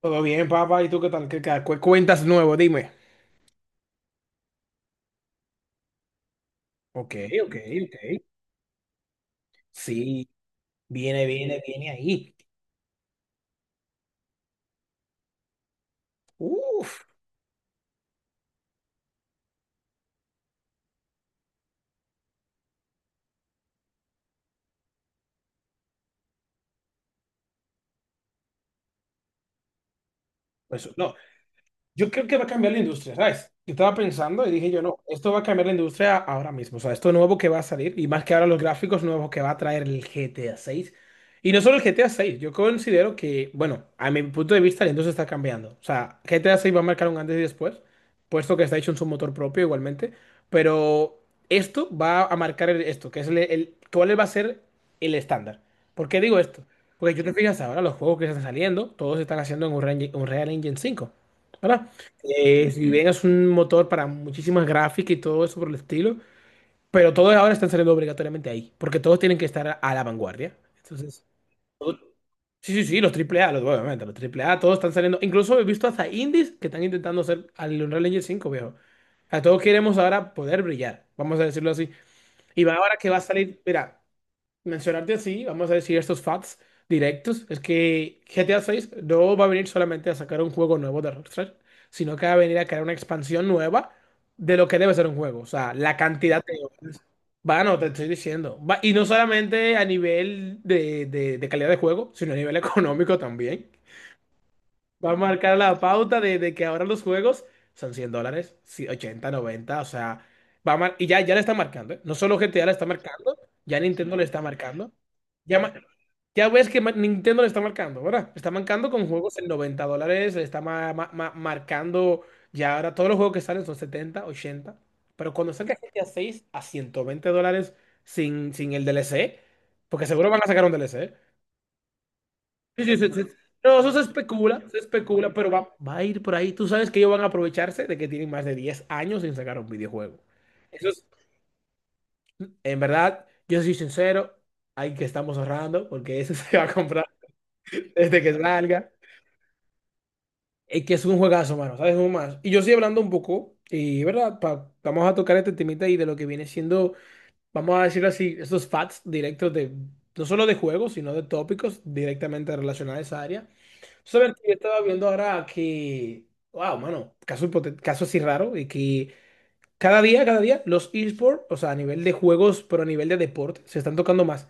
Todo bien, papá. ¿Y tú qué tal? Cuentas nuevo? Dime. Ok, ok, ok. Sí, viene, viene, viene ahí. Uf. Pues, no, yo creo que va a cambiar la industria, ¿sabes? Yo estaba pensando y dije yo, no, esto va a cambiar la industria ahora mismo, o sea, esto nuevo que va a salir y más que ahora los gráficos nuevos que va a traer el GTA 6. Y no solo el GTA 6, yo considero que, bueno, a mi punto de vista la industria está cambiando. O sea, GTA 6 va a marcar un antes y después, puesto que está hecho en su motor propio igualmente, pero esto va a marcar esto, que es cuál va a ser el estándar. ¿Por qué digo esto? Porque yo te fijas ahora, los juegos que están saliendo, todos están haciendo en Unreal Engine 5, ¿verdad? Si bien es un motor para muchísimas gráficas y todo eso por el estilo, pero todos ahora están saliendo obligatoriamente ahí, porque todos tienen que estar a la vanguardia. Entonces, sí, sí, sí, los triple A los, obviamente, los triple A todos están saliendo. Incluso he visto hasta indies que están intentando hacer al Unreal Engine 5 viejo. A todos queremos ahora poder brillar, vamos a decirlo así. Y ahora que va a salir, mira, mencionarte así, vamos a decir estos facts directos, es que GTA 6 no va a venir solamente a sacar un juego nuevo de Rockstar, sino que va a venir a crear una expansión nueva de lo que debe ser un juego. O sea, la cantidad de horas. Bueno, te estoy diciendo. Y no solamente a nivel de, de calidad de juego, sino a nivel económico también. Va a marcar la pauta de que ahora los juegos son $100, sí, 80, 90, o sea, y ya le está marcando, ¿eh? No solo GTA le está marcando, ya Nintendo le está marcando. Ya, ma- ya ves que Nintendo le está marcando, ¿verdad? Le está marcando con juegos en $90, le está marcando ya ahora todos los juegos que salen son 70, 80, pero cuando salga GTA 6 a seis a $120 sin el DLC, porque seguro van a sacar un DLC. Sí, sí, sí, sí. No, eso se especula, pero va a ir por ahí. Tú sabes que ellos van a aprovecharse de que tienen más de 10 años sin sacar un videojuego. Eso es, en verdad, yo soy sincero, hay que estamos ahorrando porque eso se va a comprar desde que salga. Es que es un juegazo, mano, ¿sabes? Un más. Y yo estoy hablando un poco, y verdad, vamos a tocar este temita y de lo que viene siendo, vamos a decirlo así, estos facts directos de, no solo de juegos, sino de tópicos directamente relacionados a esa área. Sabes que yo estaba viendo ahora que, wow, mano, caso así raro, y que cada día, los esports, o sea, a nivel de juegos, pero a nivel de deporte, se están tocando más.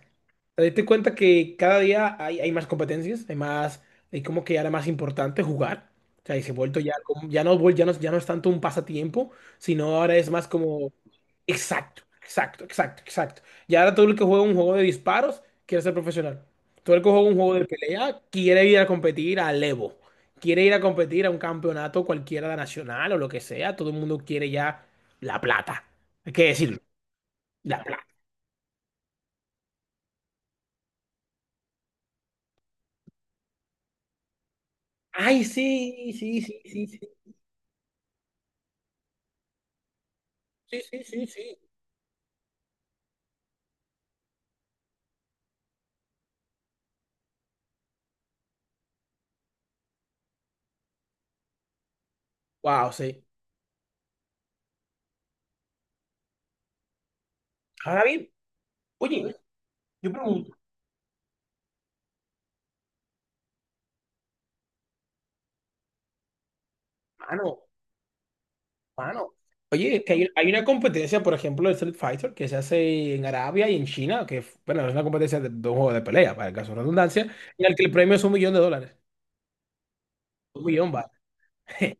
Te diste cuenta que cada día hay más competencias, hay más, hay como que ahora más importante jugar. O sea, y se ha vuelto ya, ya no es tanto un pasatiempo, sino ahora es más como, exacto, exacto, exacto, exacto. Y ahora todo el que juega un juego de disparos quiere ser profesional. Todo el que juega un juego de pelea quiere ir a competir al Evo. Quiere ir a competir a un campeonato cualquiera nacional o lo que sea. Todo el mundo quiere ya la plata. Hay que decirlo. La plata. Ay, sí, sí, sí, sí, sí, sí, sí, sí, sí. Wow, sí. Ahora bien, oye, yo pregunto, mano, mano. Oye, es que hay una competencia, por ejemplo, de Street Fighter que se hace en Arabia y en China, que, bueno, es una competencia de, dos juegos de pelea, para el caso de redundancia, en el que el premio es $1 millón. Un millón, va.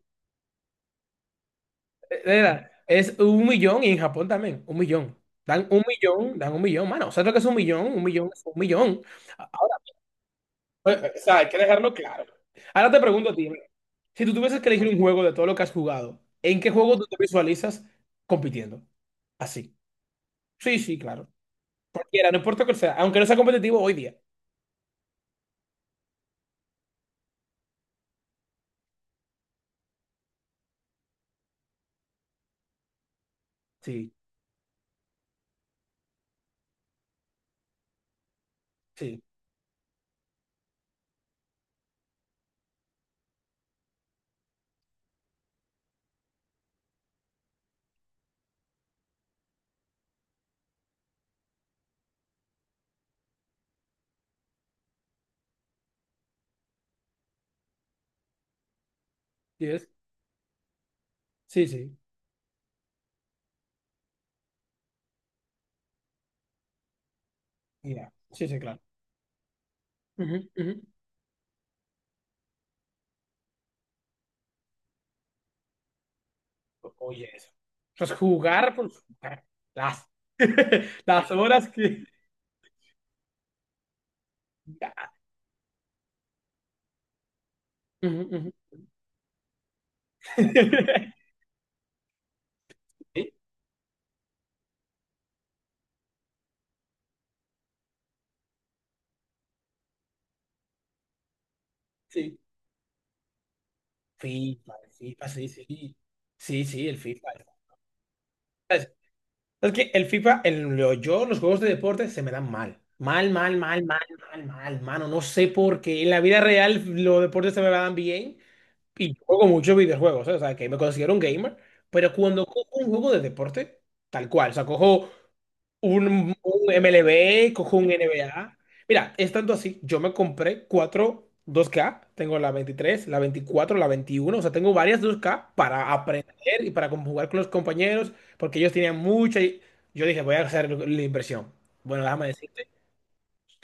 Es 1 millón y en Japón también, 1 millón. Dan 1 millón, dan un millón, mano. ¿Sabes lo que es 1 millón? 1 millón es 1 millón. O sea, hay que dejarlo claro. Ahora te pregunto a ti, si tú tuvieses que elegir un juego de todo lo que has jugado, ¿en qué juego tú te visualizas compitiendo? Así. Sí, sí, claro. Cualquiera, no importa cuál sea, aunque no sea competitivo hoy día. Sí, sí, sí, es. Sí, sí, mira. Sí, sí, claro. Ujú, ujú. Oye, eso. Entonces, jugar por jugar. Las, las horas que... Ujú, ujú. Sí, sí. FIFA, el FIFA, sí, sí. Sí, sí, el FIFA. Es que el FIFA, yo, los juegos de deporte se me dan mal. Mal, mal, mal, mal, mal, mal, mano. No sé por qué. En la vida real los deportes se me dan bien y yo juego muchos videojuegos, ¿eh? O sea, que me considero un gamer. Pero cuando cojo un juego de deporte, tal cual. O sea, cojo un MLB, cojo un NBA. Mira, es tanto así, yo me compré cuatro 2K, tengo la 23, la 24, la 21, o sea, tengo varias 2K para aprender y para jugar con los compañeros, porque ellos tenían mucha y yo dije, voy a hacer la inversión. Bueno, déjame decirte,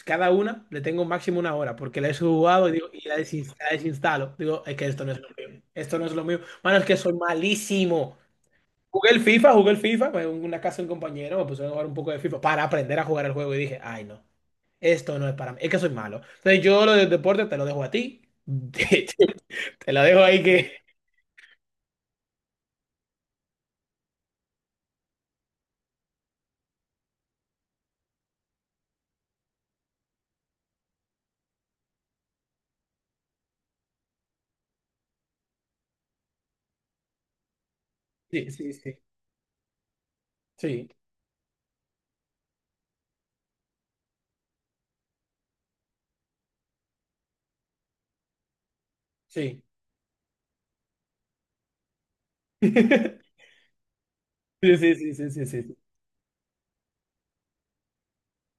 cada una le tengo máximo 1 hora, porque la he jugado y, digo, y la, la desinstalo. Digo, es que esto no es lo mío, esto no es lo mío. Mano, es que soy malísimo. Jugué el FIFA, fue en una casa de un compañero, me pusieron a jugar un poco de FIFA para aprender a jugar el juego y dije, ay no, esto no es para mí, es que soy malo. Entonces yo lo del deporte te lo dejo a ti, te lo dejo ahí que... Sí, sí, sí, sí, sí. Sí, sí, sí, sí, sí, sí.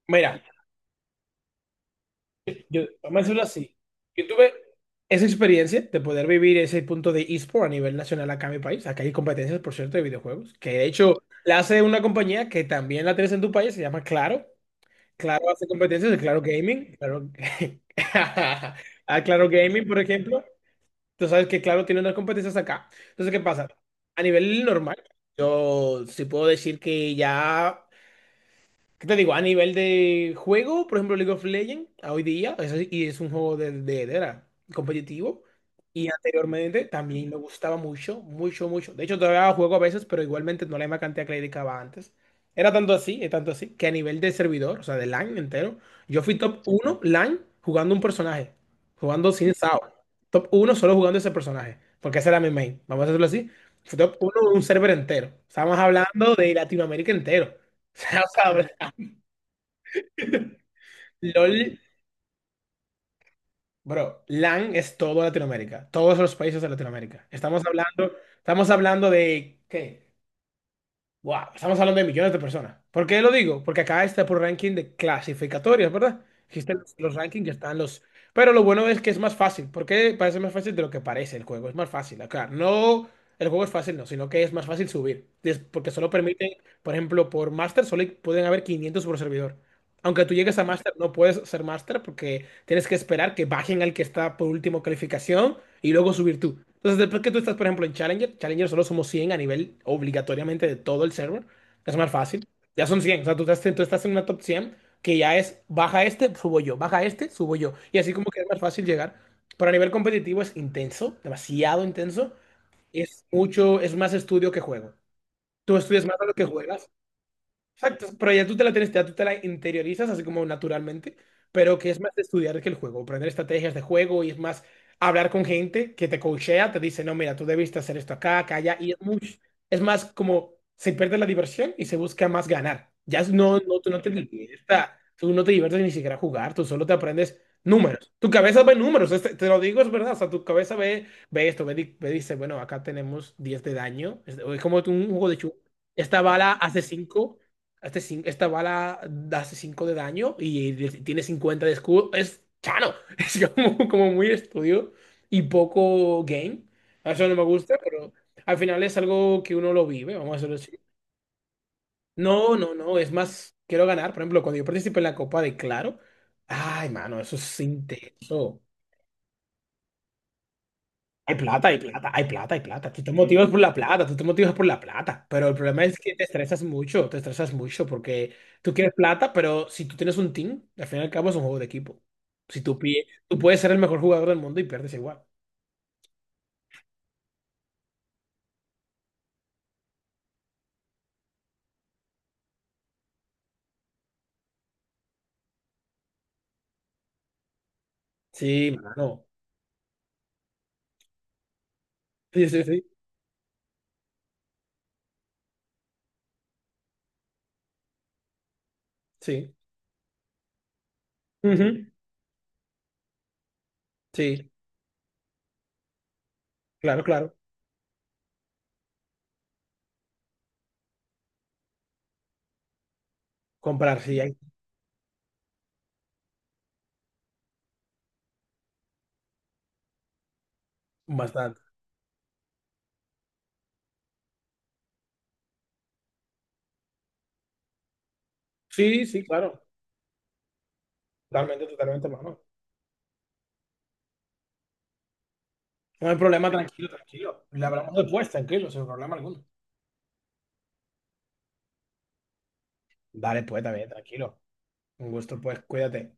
Mira, yo, vamos a decirlo así, yo tuve esa experiencia de poder vivir ese punto de eSport a nivel nacional acá en mi país, acá hay competencias, por cierto, de videojuegos, que de hecho la hace una compañía que también la tienes en tu país, se llama Claro. Claro hace competencias de Claro Gaming. Claro, a Claro Gaming, por ejemplo. Tú sabes que Claro tiene unas competencias acá. Entonces, ¿qué pasa? A nivel normal, yo sí puedo decir que ya. ¿Qué te digo? A nivel de juego, por ejemplo, League of Legends, a hoy día, y es un juego de era competitivo. Y anteriormente también me gustaba mucho, mucho, mucho. De hecho, todavía juego a veces, pero igualmente no la misma cantidad que le dedicaba antes. Era tanto así, es tanto así, que a nivel de servidor, o sea, de LAN entero, yo fui top uno LAN jugando un personaje, jugando sin SAO. Top uno solo jugando ese personaje, porque ese era mi main. Vamos a hacerlo así. Fui top uno de un server entero. Estábamos hablando de Latinoamérica entero. O sea, LOL, bro, LAN es todo Latinoamérica, todos los países de Latinoamérica. Estamos hablando de, ¿qué? Wow, estamos hablando de millones de personas. ¿Por qué lo digo? Porque acá está por ranking de clasificatorias, ¿verdad? Existen los rankings, ya están los... Pero lo bueno es que es más fácil. ¿Por qué? Parece más fácil de lo que parece el juego, es más fácil. Acá no, el juego es fácil, no, sino que es más fácil subir. Es porque solo permiten, por ejemplo, por Master solo pueden haber 500 por servidor. Aunque tú llegues a máster, no puedes ser máster porque tienes que esperar que bajen al que está por último calificación y luego subir tú. Entonces, después que tú estás, por ejemplo, en Challenger, Challenger solo somos 100 a nivel obligatoriamente de todo el server. Es más fácil. Ya son 100. O sea, tú estás en una top 100 que ya es baja este, subo yo, baja este, subo yo. Y así como que es más fácil llegar. Pero a nivel competitivo es intenso, demasiado intenso. Es mucho, es más estudio que juego. Tú estudias más de lo que juegas. Exacto, pero ya tú te la tienes, ya tú te la interiorizas así como naturalmente, pero que es más de estudiar que el juego, aprender estrategias de juego y es más hablar con gente que te coachea, te dice, no, mira, tú debiste hacer esto acá, acá, allá, y es mucho, es más como se pierde la diversión y se busca más ganar. No, no, tú no te diviertas, tú no te diviertes ni siquiera a jugar, tú solo te aprendes números. Tu cabeza ve números, te lo digo, es verdad, o sea, tu cabeza ve esto, dice, bueno, acá tenemos 10 de daño, es como un juego de chu. Esta bala hace 5 Esta bala hace 5 de daño y tiene 50 de escudo. Es chano. Es como, como muy estudio y poco game. Eso no me gusta, pero al final es algo que uno lo vive, vamos a decirlo así. No, no, no. Es más, quiero ganar. Por ejemplo, cuando yo participé en la Copa de Claro. Ay, mano, eso es intenso. Hay plata, hay plata, hay plata, hay plata. Tú te motivas por la plata, tú te motivas por la plata. Pero el problema es que te estresas mucho porque tú quieres plata, pero si tú tienes un team, al fin y al cabo es un juego de equipo. Si tú, tú puedes ser el mejor jugador del mundo y pierdes igual. Sí, mano. Sí, sí, sí. Sí. Ujú. Sí, claro, claro. Comprar, sí, hay bastante. Sí, sí, claro. Totalmente, totalmente, mano. No hay problema, tranquilo, tranquilo. Le hablamos después, tranquilo, sin problema alguno. Dale, pues, también, tranquilo. Un gusto, pues, cuídate.